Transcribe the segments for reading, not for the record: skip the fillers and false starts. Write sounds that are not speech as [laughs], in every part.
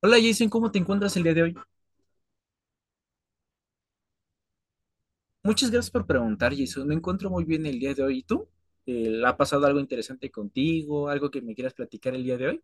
Hola, Jason, ¿cómo te encuentras el día de hoy? Muchas gracias por preguntar, Jason. Me encuentro muy bien el día de hoy. ¿Y tú? ¿Ha pasado algo interesante contigo? ¿Algo que me quieras platicar el día de hoy?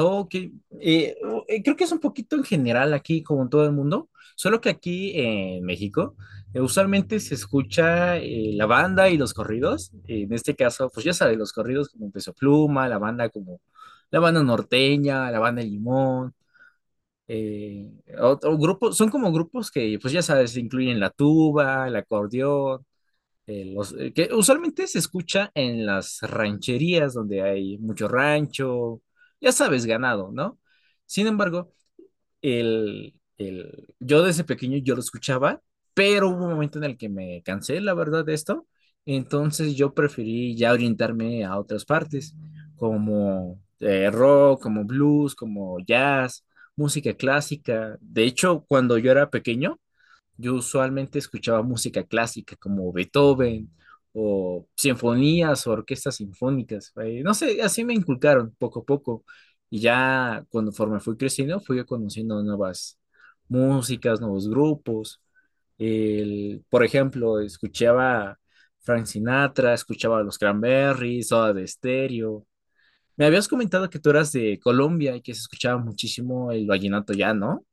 Ok, creo que es un poquito en general aquí, como en todo el mundo, solo que aquí en México usualmente se escucha la banda y los corridos. En este caso, pues ya sabes, los corridos como Peso Pluma, la banda como la banda norteña, la banda Limón. eh, Otro grupo, son como grupos que, pues ya sabes, incluyen la tuba, el acordeón, que usualmente se escucha en las rancherías donde hay mucho rancho, ya sabes, ganado, ¿no? Sin embargo, yo desde pequeño yo lo escuchaba, pero hubo un momento en el que me cansé, la verdad, de esto. Entonces yo preferí ya orientarme a otras partes, como rock, como blues, como jazz, música clásica. De hecho, cuando yo era pequeño, yo usualmente escuchaba música clásica como Beethoven, o sinfonías, o orquestas sinfónicas. No sé, así me inculcaron poco a poco. Y ya conforme fui creciendo, fui conociendo nuevas músicas, nuevos grupos. Por ejemplo, escuchaba Frank Sinatra, escuchaba Los Cranberries, Soda de Estéreo. Me habías comentado que tú eras de Colombia y que se escuchaba muchísimo el vallenato ya, ¿no?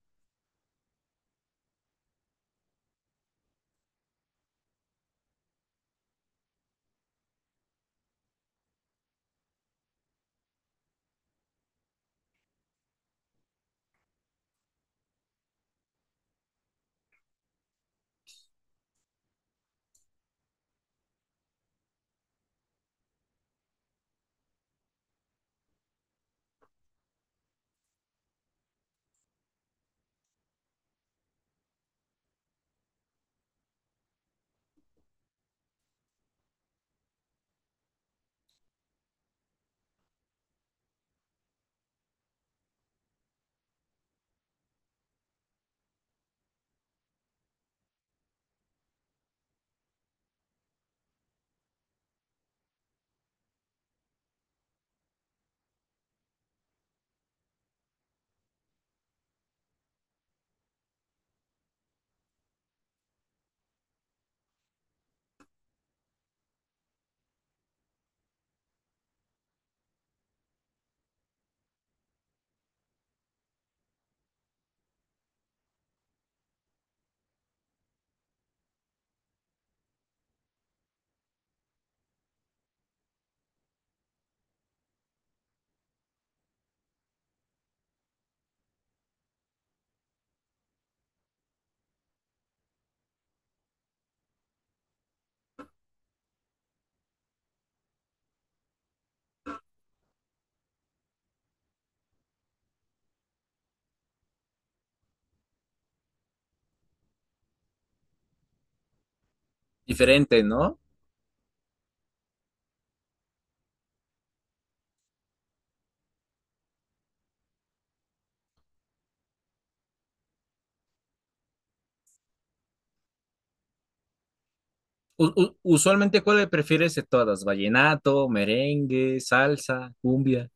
Diferente, ¿no? Usualmente, ¿cuál prefieres de todas? ¿Vallenato, merengue, salsa, cumbia?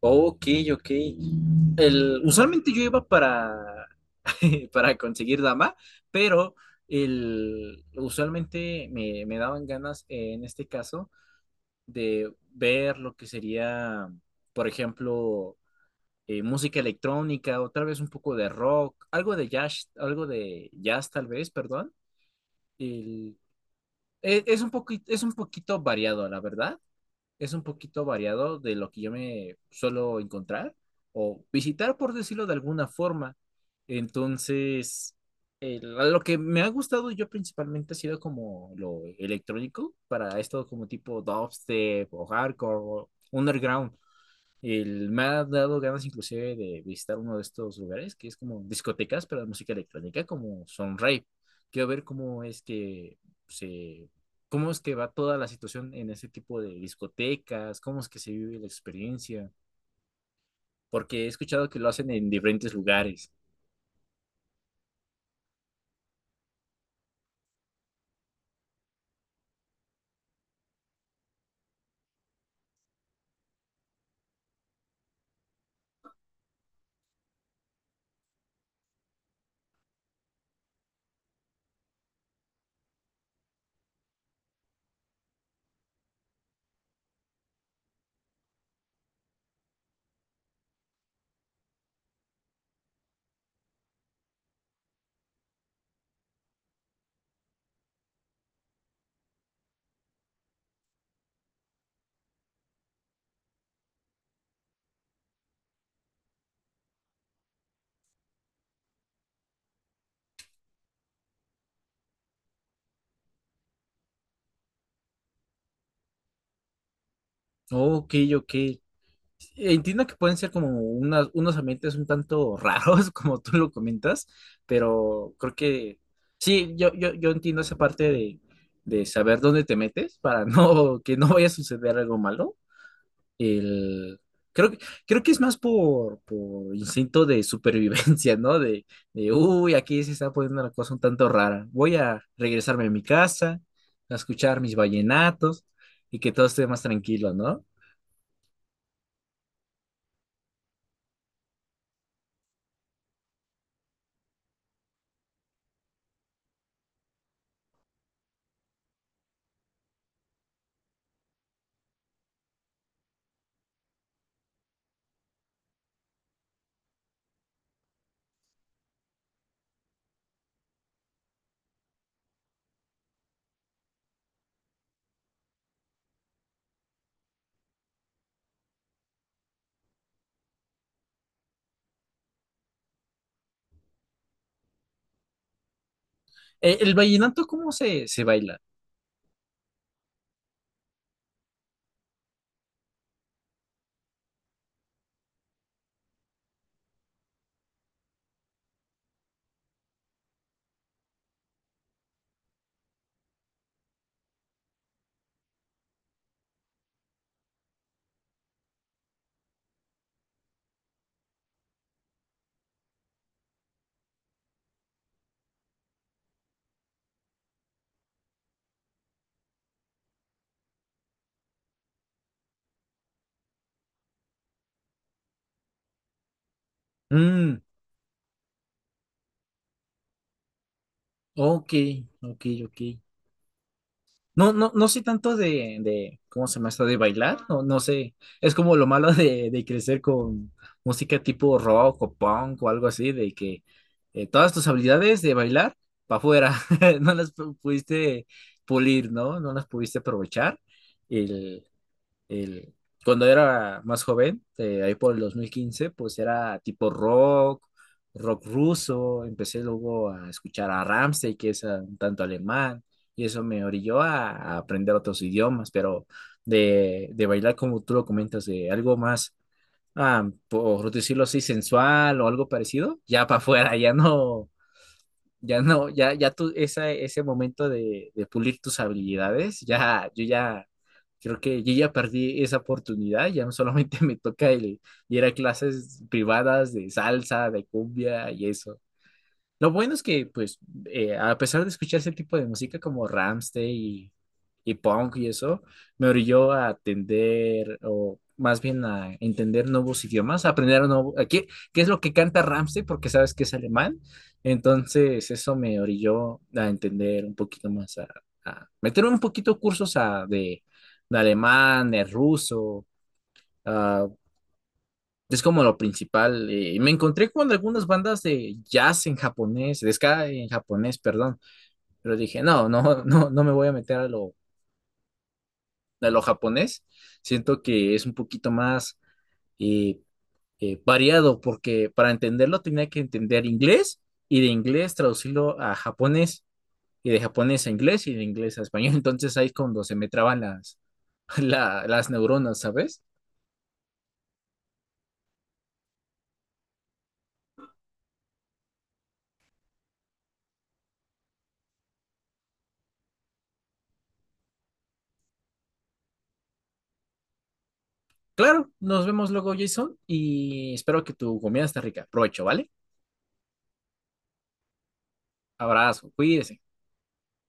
Ok, ok. Usualmente yo iba para, [laughs] para conseguir dama, pero usualmente me daban ganas, en este caso, de ver lo que sería, por ejemplo, música electrónica, o tal vez un poco de rock, algo de jazz tal vez, perdón. El- es un poquito, es un poquito variado, la verdad. Es un poquito variado de lo que yo me suelo encontrar o visitar, por decirlo de alguna forma. Entonces, el- lo que me ha gustado yo principalmente ha sido como lo electrónico para esto, como tipo dubstep o hardcore o underground. Me ha dado ganas inclusive de visitar uno de estos lugares que es como discotecas, pero de música electrónica, como Sunrave. Quiero ver cómo es que se, cómo es que va toda la situación en ese tipo de discotecas, cómo es que se vive la experiencia, porque he escuchado que lo hacen en diferentes lugares. Ok, ok. Entiendo que pueden ser como unos ambientes un tanto raros, [laughs] como tú lo comentas, pero creo que sí, yo entiendo esa parte de saber dónde te metes para [laughs] no, que no vaya a suceder algo malo. El, creo, que- Creo que es más por instinto de supervivencia, ¿no? De, uy, aquí se está poniendo la cosa un tanto rara. Voy a regresarme a mi casa, a escuchar mis vallenatos y que todo esté más tranquilo, ¿no? ¿El vallenato cómo se baila? Mm, ok, ok, ok. No, no, no sé tanto ¿cómo se llama esto? De bailar, no, no sé. Es como lo malo de crecer con música tipo rock o punk o algo así, de que todas tus habilidades de bailar para afuera, [laughs] no las pudiste pulir, ¿no? No las pudiste aprovechar. el- Cuando era más joven, ahí por el 2015 pues era tipo rock, rock ruso, empecé luego a escuchar a Rammstein, que es un tanto alemán, y eso me orilló a aprender otros idiomas, pero de bailar como tú lo comentas, de algo más, por decirlo así, sensual o algo parecido, ya para afuera, ya no ya no, ya, ya tú, esa, ese momento de pulir tus habilidades, ya, creo que yo ya perdí esa oportunidad, ya no. Solamente [laughs] me toca el ir a clases privadas de salsa, de cumbia y eso. Lo bueno es que, pues, a pesar de escuchar ese tipo de música como Rammstein y punk y eso, me orilló a atender, o más bien a entender nuevos idiomas, a aprender un nuevo, a qué, qué es lo que canta Rammstein, porque sabes que es alemán. Entonces, eso me orilló a entender un poquito más, a meter un poquito cursos a, de alemán, de ruso, es como lo principal. Me encontré con algunas bandas de jazz en japonés, de ska en japonés, perdón, pero dije, no, no, [laughs] no, no me voy a meter a lo japonés. Siento que es un poquito más eh, variado porque para entenderlo tenía que entender inglés, y de inglés traducirlo a japonés, y de japonés a inglés, y de inglés a español. [laughs] Entonces ahí es cuando se me traban las, [laughs] las neuronas, ¿sabes? Claro, nos vemos luego, Jason, y espero que tu comida esté rica. Provecho, ¿vale? Abrazo, cuídese.